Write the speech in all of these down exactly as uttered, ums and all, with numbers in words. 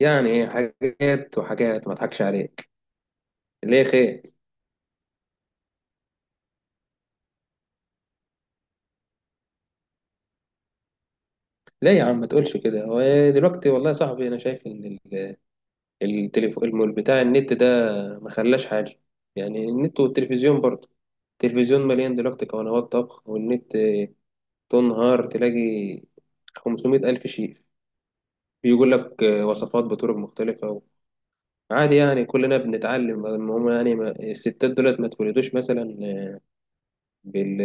يعني إيه، حاجات وحاجات ما اضحكش عليك. ليه؟ خير؟ ليه يا عم ما تقولش كده. هو دلوقتي والله يا صاحبي، انا شايف ان ال- التليفون المول بتاع النت ده ما خلاش حاجه. يعني النت والتلفزيون برضه، التلفزيون مليان دلوقتي قنوات طبخ، والنت تنهار تلاقي 500 ألف شيف بيقول لك وصفات بطرق مختلفة. عادي، يعني كلنا بنتعلم. المهم يعني ما- الستات دولت ما تولدوش مثلا بال...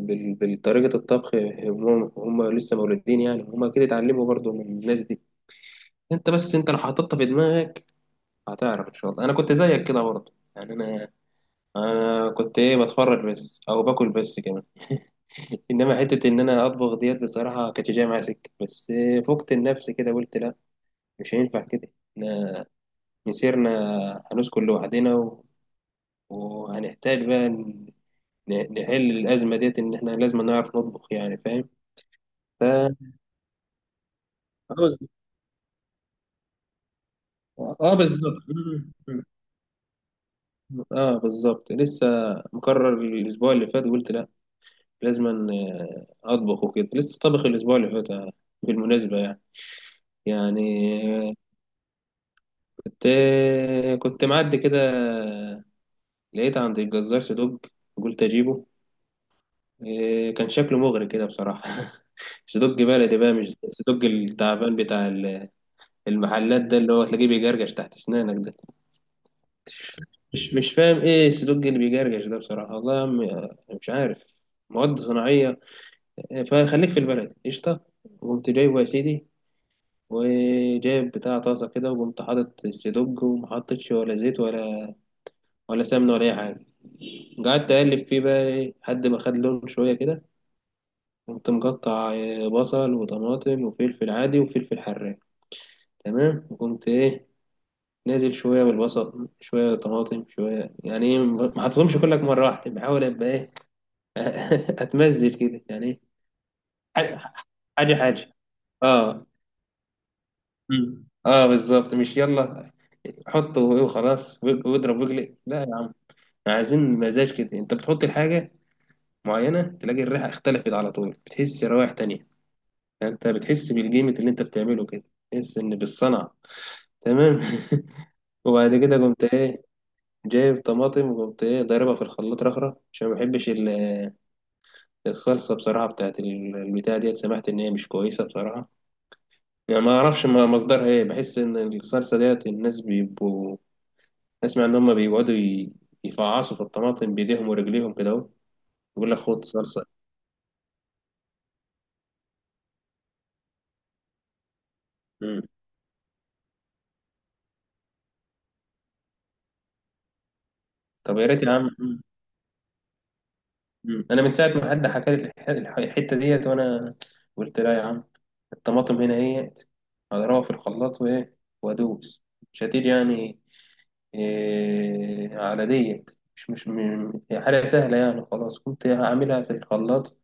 بال... بالطريقة الطبخ، هم هم لسه مولودين يعني، هم أكيد اتعلموا برضو من الناس دي. أنت بس، أنت لو حطيتها في دماغك هتعرف إن شاء الله. أنا كنت زيك كده برضه يعني. أنا أنا كنت، إيه، بتفرج بس أو باكل بس كمان. إنما حتة إن أنا أطبخ ديت، بصراحة كانت جاية معايا سكة. بس فقت النفس كده، قلت لأ، مش هينفع كده. إحنا مسيرنا هنسكن لوحدنا و... وهنحتاج بقى ن- نحل الأزمة ديت، إن إحنا لازم نعرف نطبخ يعني. فاهم. اه بالظبط. اه بالظبط. مم. مم. اه بالظبط. لسه مقرر الاسبوع اللي فات، قلت لا، لازم أن- آه، اطبخ وكده. لسه طبخ الاسبوع اللي فات، آه، بالمناسبه يعني يعني آه، كنت آه، كنت معدي كده، آه، لقيت عند الجزار صدوج. قلت اجيبه، آه، كان شكله مغري كده بصراحه. صدوج بلدي بقى، مش الصدوج التعبان بتاع ال- المحلات ده، اللي هو تلاقيه بيجرجش تحت اسنانك ده. مش مش فاهم ايه السلوك اللي بيجرجش ده بصراحة، والله يا عم. مش عارف. مواد صناعية. فخليك في البلد، قشطة. وقمت جايبه يا سيدي، وجايب بتاع طاسة كده، وقمت حاطط السدوج، ومحطتش ولا زيت ولا ولا سمنة ولا أي حاجة. قعدت أقلب فيه بقى، إيه، لحد ما خد لون شوية كده. قمت مقطع آه، بصل وطماطم وفلفل عادي وفلفل حراق، تمام. وقمت، إيه، نازل شوية بالبصل، شوية طماطم، شوية يعني، إيه، ما حطيتهمش كلك مرة واحدة، بحاول أبقى، إيه، اتمزج كده يعني، ايه حاجه، حاجه، حاجة. اه. مم. اه بالظبط. مش يلا حطه وخلاص واضرب واجلق، لا يا عم، عايزين مزاج كده. انت بتحط الحاجه معينه، تلاقي الريحه اختلفت على طول، بتحس روائح تانية. يعني انت بتحس بالجيمة اللي انت بتعمله كده، بتحس ان بالصنعه، تمام. وبعد كده قمت، ايه، جايب طماطم، وقمت، ايه، ضاربها في الخلاط رخرة، عشان ما بحبش ال- الصلصه بصراحه بتاعت ال- البتاع ديت، سمعت ان هي مش كويسه بصراحه. يعني ما اعرفش ما- مصدرها ايه، بحس ان الصلصه ديت الناس بيبقوا، اسمع ان هم بيقعدوا ي- يفعصوا في الطماطم بايديهم ورجليهم كده، اهو يقول لك خد صلصه. مم. طب يا ريت يا عم. مم. مم. انا من ساعه ما حد حكى لي الح- الح- الحته ديت، وانا قلت لا يا عم، الطماطم هنا اهيت، هضربها في الخلاط، وايه، وادوس. مش هتيجي يعني، إيه، على ديت. مش مش م- هي حاجه سهله يعني، خلاص كنت هعملها في الخلاط.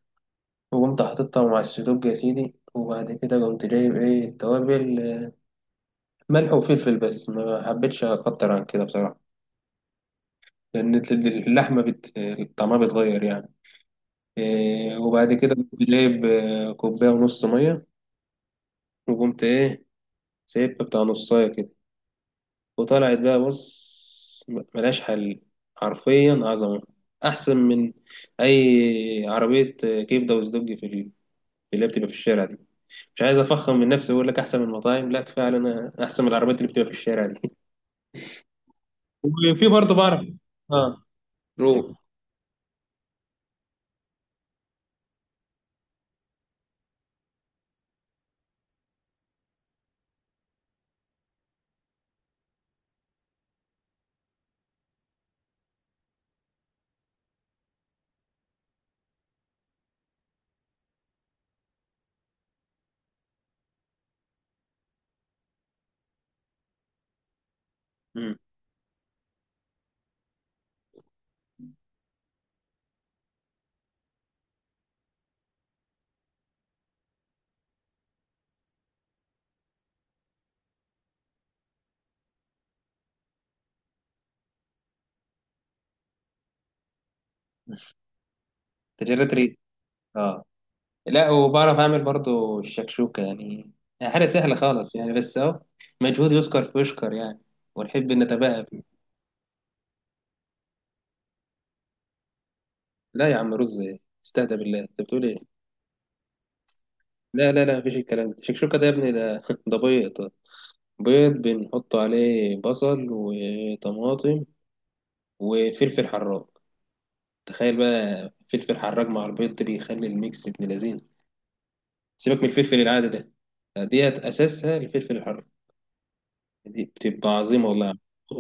وقمت حاططها مع السدوج يا سيدي، وبعد كده قمت جايب، ايه، التوابل، آه، ملح وفلفل بس، ما حبيتش اكتر عن كده بصراحة. لأن ال- اللحمة بت... طعمها بيتغير يعني. إيه، وبعد كده قمت جايب آه، كوباية ونص مية. وقمت، ايه، سايبها بتاع نصاية كده. وطلعت بقى، بص، م- ملهاش حل، حرفيا عظمة. أحسن من أي عربية آه، كبدة وسدوج في ال- اللي هي بتبقى في الشارع دي. مش عايز افخم من نفسي واقول لك احسن من المطاعم، لا، كفايه على انا احسن من العربيات اللي بتبقى في الشارع دي. وفي برضه بعرف. اه. روم. امم تجربة ريد. اه. لا، وبعرف اعمل برضه الشكشوكه يعني، يعني حاجه سهله خالص يعني، بس اهو مجهود يذكر فيشكر يعني، ونحب نتباهى فيه. لا يا عم، رز إيه؟ استهدى بالله، انت بتقول ايه؟ لا، لا، لا، مفيش الكلام ده. الشكشوكه ده يا ابني ده ده بيض. بيض بنحط عليه بصل وطماطم وفلفل حراق. تخيل بقى، فلفل حراج مع البيض ده بيخلي الميكس ابن لذينه. سيبك من الفلفل العادي ده، ديت اساسها الفلفل الحر. دي بتبقى عظيمه والله.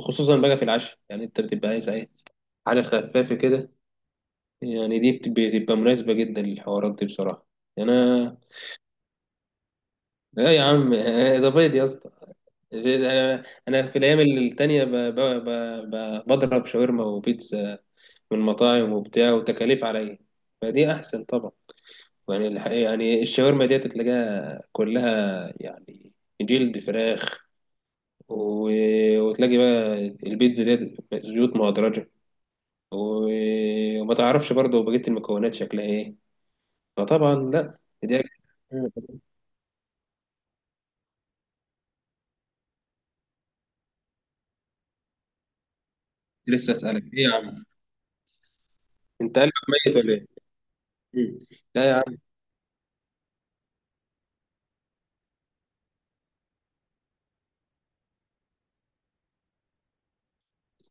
خصوصا بقى في العشاء، يعني انت بتبقى عايز، ايه، حاجه خفافه كده. يعني دي بت- بتبقى مناسبه جدا للحوارات دي بصراحه. انا، لا يا عم، ده بيض يا اسطى. انا انا في الايام التانية ب... ب... ب... ب... بضرب شاورما وبيتزا من مطاعم وبتاع، وتكاليف عليا. فدي احسن طبعا. يعني الحقيقة يعني، الشاورما ديت تلاقيها كلها يعني جلد فراخ، و... وتلاقي بقى البيتزا ديت زيوت مهدرجة، و... وما تعرفش برضه بقية المكونات شكلها ايه. فطبعا لا، دي. لسه اسألك ايه يا عم، انت قلبك ميت ولا ايه؟ مم. لا يا عم.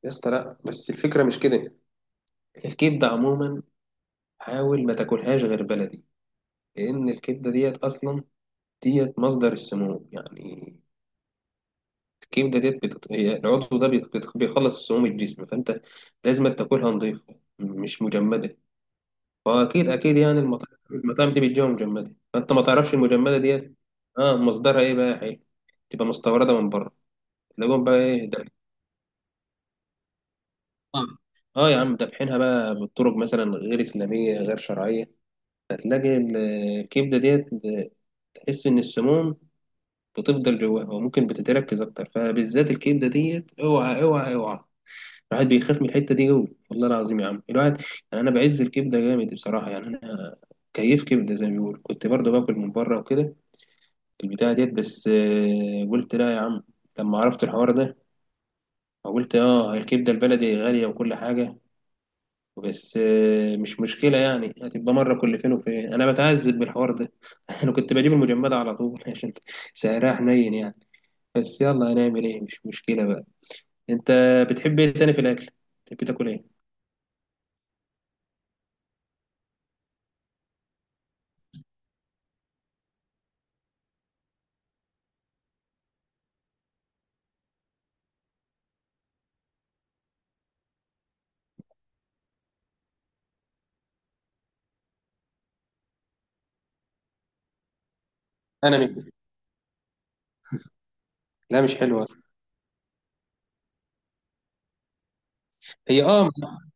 يا اسطى، لا، بس الفكرة مش كده. الكبدة عموما، حاول ما تاكلهاش غير بلدي. لأن الكبدة ديت أصلا، ديت مصدر السموم يعني. الكبده ديت بتط... هي العضو ده بيت- بيت- بيخلص السموم الجسم، فانت لازم تاكلها نظيفه مش مجمده. فاكيد اكيد يعني، المطاعم المطاعم دي بتجيبها مجمده، فانت ما تعرفش المجمده ديت. اه، مصدرها ايه بقى يا حي؟ تبقى مستورده من بره، تلاقيهم بقى ايه ده. اه. آه يا عم، دابحينها بقى بالطرق مثلا غير اسلاميه غير شرعيه. هتلاقي ال- الكبده ديت، تحس ان السموم بتفضل جواها، وممكن بتتركز اكتر، فبالذات الكبده ديت، اوعى، اوعى، اوعى. الواحد بيخاف من الحتة دي أوي والله العظيم يا عم. الواحد يعني، أنا بعز الكبدة جامد بصراحة يعني. أنا كيف كبدة زي ما بيقولوا، كنت برضه باكل من بره وكده، البتاعة ديت. بس، آه، قلت لا يا عم، لما عرفت الحوار ده. قلت اه الكبدة البلدي غالية وكل حاجة. بس، آه، مش مشكلة يعني، هتبقى مرة كل فين وفين. أنا بتعذب بالحوار ده. أنا كنت بجيب المجمدة على طول عشان سعرها حنين يعني. بس يلا، هنعمل إيه، مش مشكلة بقى. أنت بتحب إيه تاني في الأكل؟ بتحب تاكل إيه؟ أنا منك. لا، مش حلوة. هي، اه،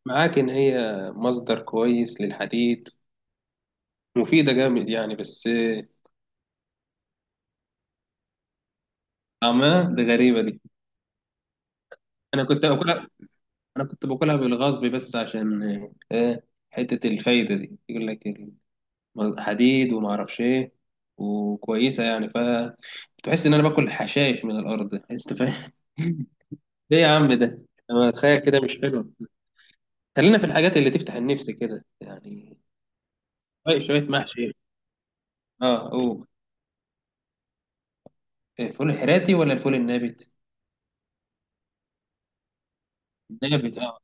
معاك ان هي مصدر كويس للحديد، مفيده جامد يعني، بس طعمها ده، غريبه دي. انا كنت باكلها انا كنت باكلها بالغصب بس، عشان آه حته الفايده دي، يقول لك الم- حديد وما اعرفش ايه، وكويسه يعني، ف تحس ان انا باكل حشائش من الارض، انت فاهم؟ ايه يا عم ده، انا اتخيل كده مش حلو. خلينا في الحاجات اللي تفتح النفس كده يعني، شويه شوية محشي. اه. اوه. إيه، فول حراتي ولا الفول النابت؟ نابت، اه.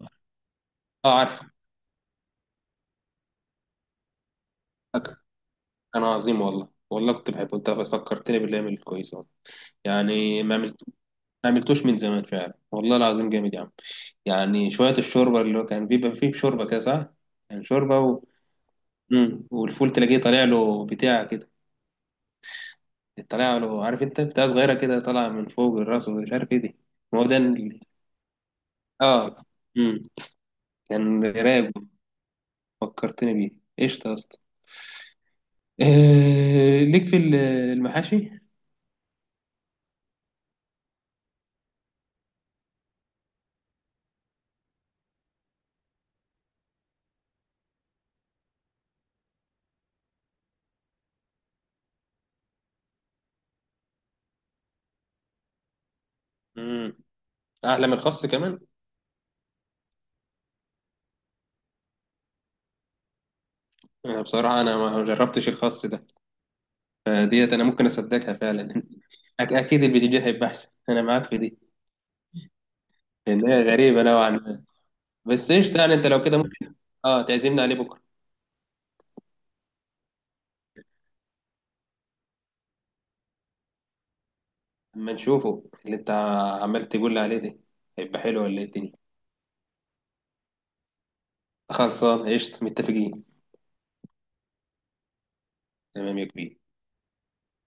اه عارف، فاكر. كان عظيم والله، والله كنت بحبه. انت فكرتني بالايام الكويسه والله. يعني ما عملت ما عملتوش من زمان فعلا والله العظيم، جامد يا عم. يعني شويه الشوربه اللي هو كان بيبقى فيه شوربه كده، صح؟ كان شوربه و... مم. والفول تلاقيه طالع له بتاع كده، طالع له، عارف انت بتاع صغيره كده طالعه من فوق الراس، ومش عارف ايه دي. ما هو ده ال- اه. مم. كان رايق. فكرتني بيه، قشطه يا اسطى. آه، ليك في ال- المحاشي. مم. احلى من الخاص كمان. انا بصراحه انا ما جربتش الخاص ده، فديت انا ممكن اصدقها فعلا. أك- اكيد البتنجان هيبقى احسن، انا معاك في دي، لان هي غريبه نوعا ما. بس ايش يعني، انت لو كده ممكن، اه، تعزمنا عليه بكره؟ اما نشوفه، اللي انت عمال تقول لي عليه ده، هيبقى حلو ولا ايه الدنيا؟ خلصان قشطه، متفقين. تمام يا كبير.